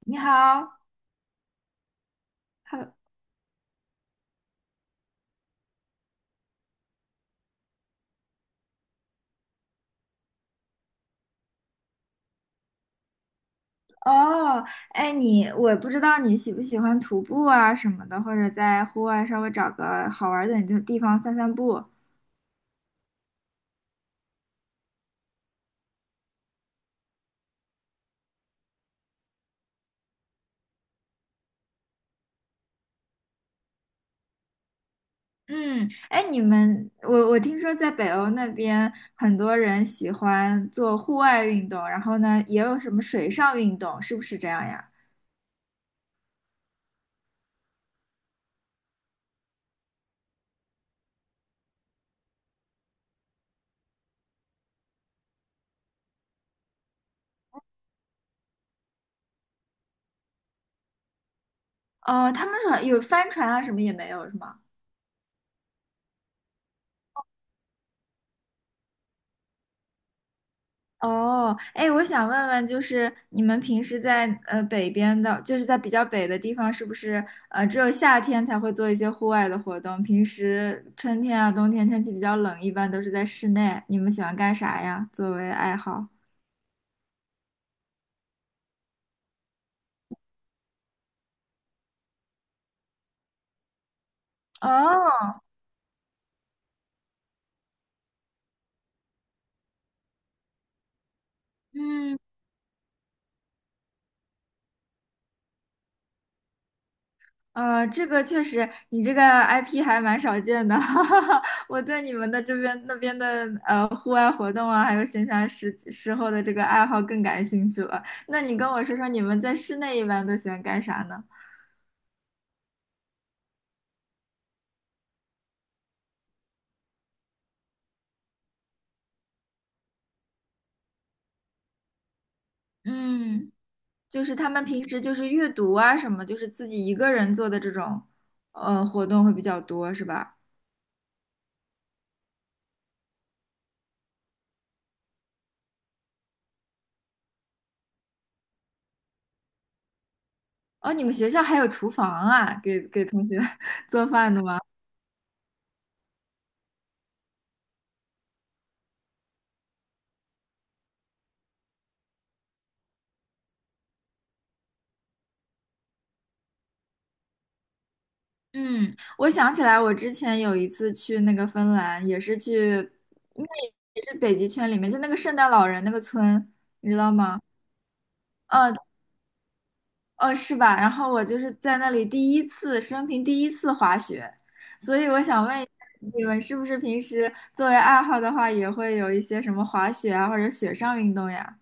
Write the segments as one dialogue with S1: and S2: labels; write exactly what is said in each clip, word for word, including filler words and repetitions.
S1: 你好，Hello。哦，哎，你我不知道你喜不喜欢徒步啊什么的，或者在户外稍微找个好玩儿点的地方散散步。嗯，哎，你们，我我听说在北欧那边很多人喜欢做户外运动，然后呢，也有什么水上运动，是不是这样呀？哦，他们说有帆船啊，什么也没有，是吗？哦，哎，我想问问，就是你们平时在呃北边的，就是在比较北的地方，是不是呃只有夏天才会做一些户外的活动？平时春天啊、冬天天气比较冷，一般都是在室内。你们喜欢干啥呀？作为爱好？哦，嗯，呃，这个确实，你这个 I P 还蛮少见的，哈哈哈。我对你们的这边那边的呃户外活动啊，还有闲暇时时候的这个爱好更感兴趣了。那你跟我说说，你们在室内一般都喜欢干啥呢？嗯，就是他们平时就是阅读啊什么，就是自己一个人做的这种呃活动会比较多，是吧？哦，你们学校还有厨房啊，给给同学 做饭的吗？嗯，我想起来，我之前有一次去那个芬兰，也是去，应该也也是北极圈里面，就那个圣诞老人那个村，你知道吗？嗯，哦，是吧？然后我就是在那里第一次，生平第一次滑雪，所以我想问一下，你们是不是平时作为爱好的话，也会有一些什么滑雪啊，或者雪上运动呀？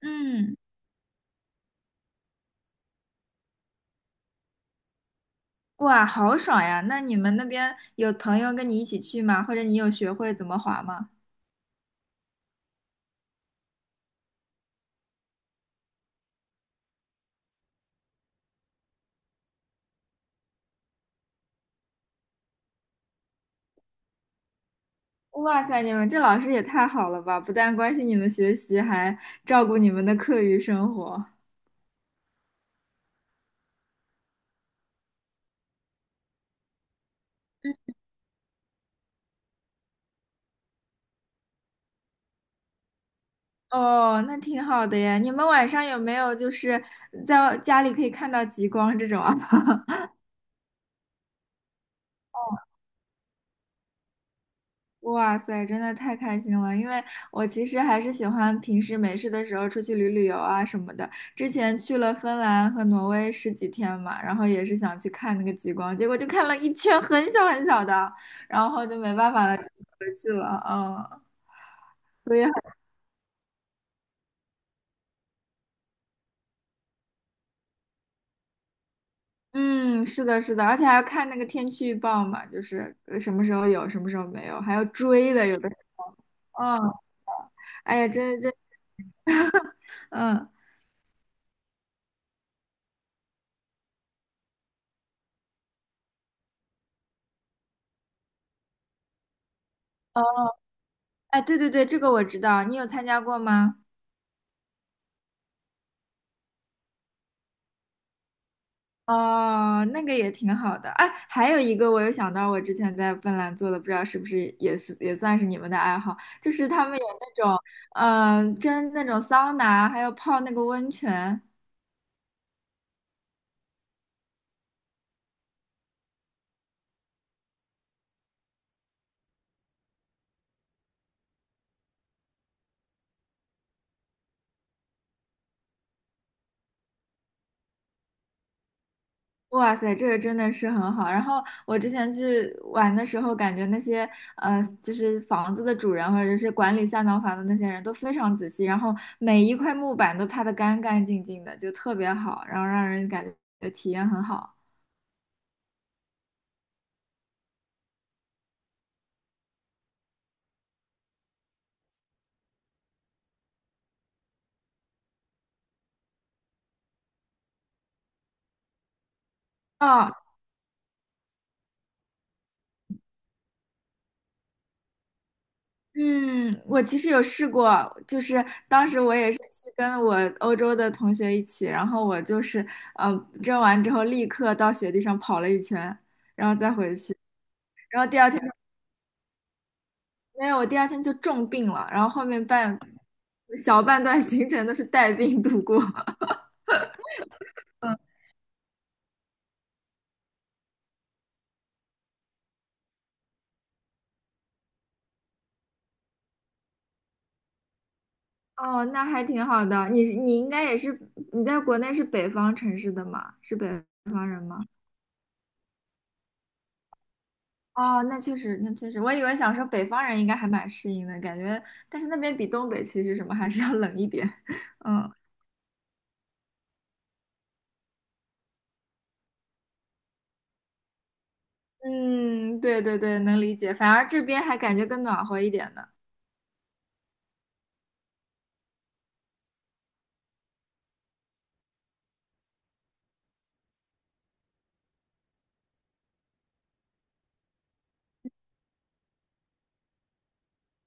S1: 嗯，哇，好爽呀！那你们那边有朋友跟你一起去吗？或者你有学会怎么滑吗？哇塞，你们这老师也太好了吧！不但关心你们学习，还照顾你们的课余生活。哦，那挺好的呀。你们晚上有没有就是在家里可以看到极光这种啊？哇塞，真的太开心了！因为我其实还是喜欢平时没事的时候出去旅旅游啊什么的。之前去了芬兰和挪威十几天嘛，然后也是想去看那个极光，结果就看了一圈很小很小的，然后就没办法了，就回去了。嗯。嗯，是的，是的，而且还要看那个天气预报嘛，就是呃什么时候有，什么时候没有，还要追的，有的时候，嗯，哎呀，真真，嗯，呃哎，对对对，这个我知道，你有参加过吗？哦，那个也挺好的，哎，还有一个我有想到，我之前在芬兰做的，不知道是不是也是也算是你们的爱好，就是他们有那种，嗯、蒸那种桑拿，还有泡那个温泉，哇塞，这个真的是很好。然后我之前去玩的时候，感觉那些呃，就是房子的主人或者是管理三套房的那些人都非常仔细，然后每一块木板都擦得干干净净的，就特别好，然后让人感觉体验很好。啊。嗯，我其实有试过，就是当时我也是去跟我欧洲的同学一起，然后我就是呃蒸完之后立刻到雪地上跑了一圈，然后再回去，然后第二天。没有，我第二天就重病了，然后后面半小半段行程都是带病度过。哦，那还挺好的。你你应该也是你在国内是北方城市的嘛？是北方人吗？哦，那确实，那确实，我以为想说北方人应该还蛮适应的感觉，但是那边比东北其实什么还是要冷一点。嗯嗯，对对对，能理解。反而这边还感觉更暖和一点呢。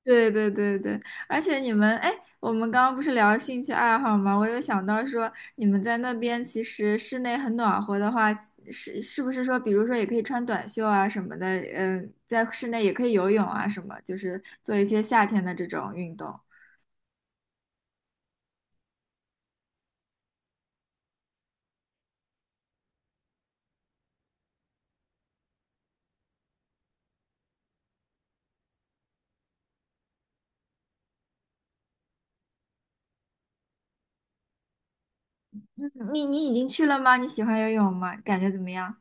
S1: 对对对对，而且你们，哎，我们刚刚不是聊兴趣爱好吗？我有想到说，你们在那边其实室内很暖和的话，是是不是说，比如说也可以穿短袖啊什么的，嗯，在室内也可以游泳啊什么，就是做一些夏天的这种运动。你你已经去了吗？你喜欢游泳吗？感觉怎么样？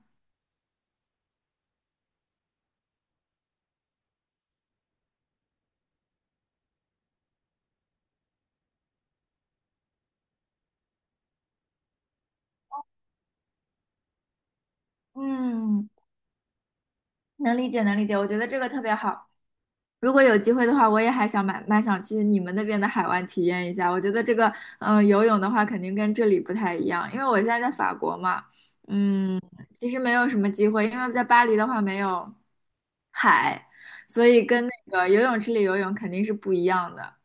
S1: 嗯，能理解能理解，我觉得这个特别好。如果有机会的话，我也还想蛮蛮想去你们那边的海湾体验一下。我觉得这个，嗯、游泳的话肯定跟这里不太一样，因为我现在在法国嘛，嗯，其实没有什么机会，因为在巴黎的话没有海，所以跟那个游泳池里游泳肯定是不一样的。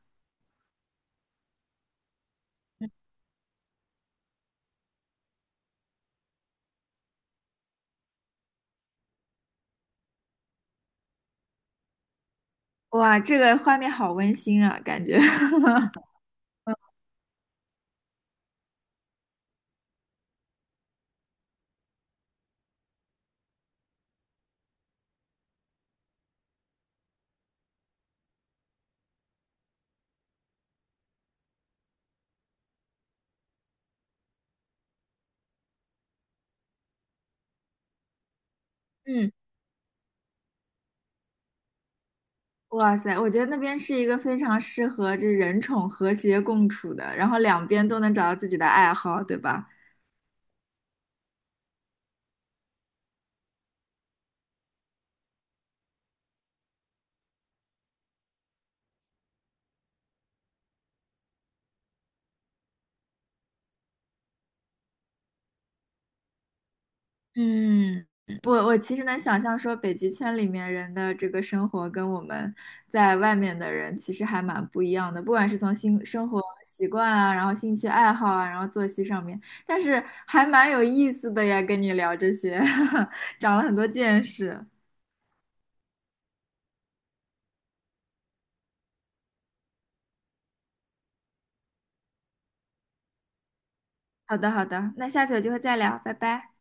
S1: 哇，这个画面好温馨啊，感觉。嗯，哇塞，我觉得那边是一个非常适合这人宠和谐共处的，然后两边都能找到自己的爱好，对吧？嗯，我我其实能想象说，北极圈里面人的这个生活跟我们在外面的人其实还蛮不一样的，不管是从新生活习惯啊，然后兴趣爱好啊，然后作息上面，但是还蛮有意思的呀，跟你聊这些，长了很多见识。好的，好的，那下次有机会再聊，拜拜。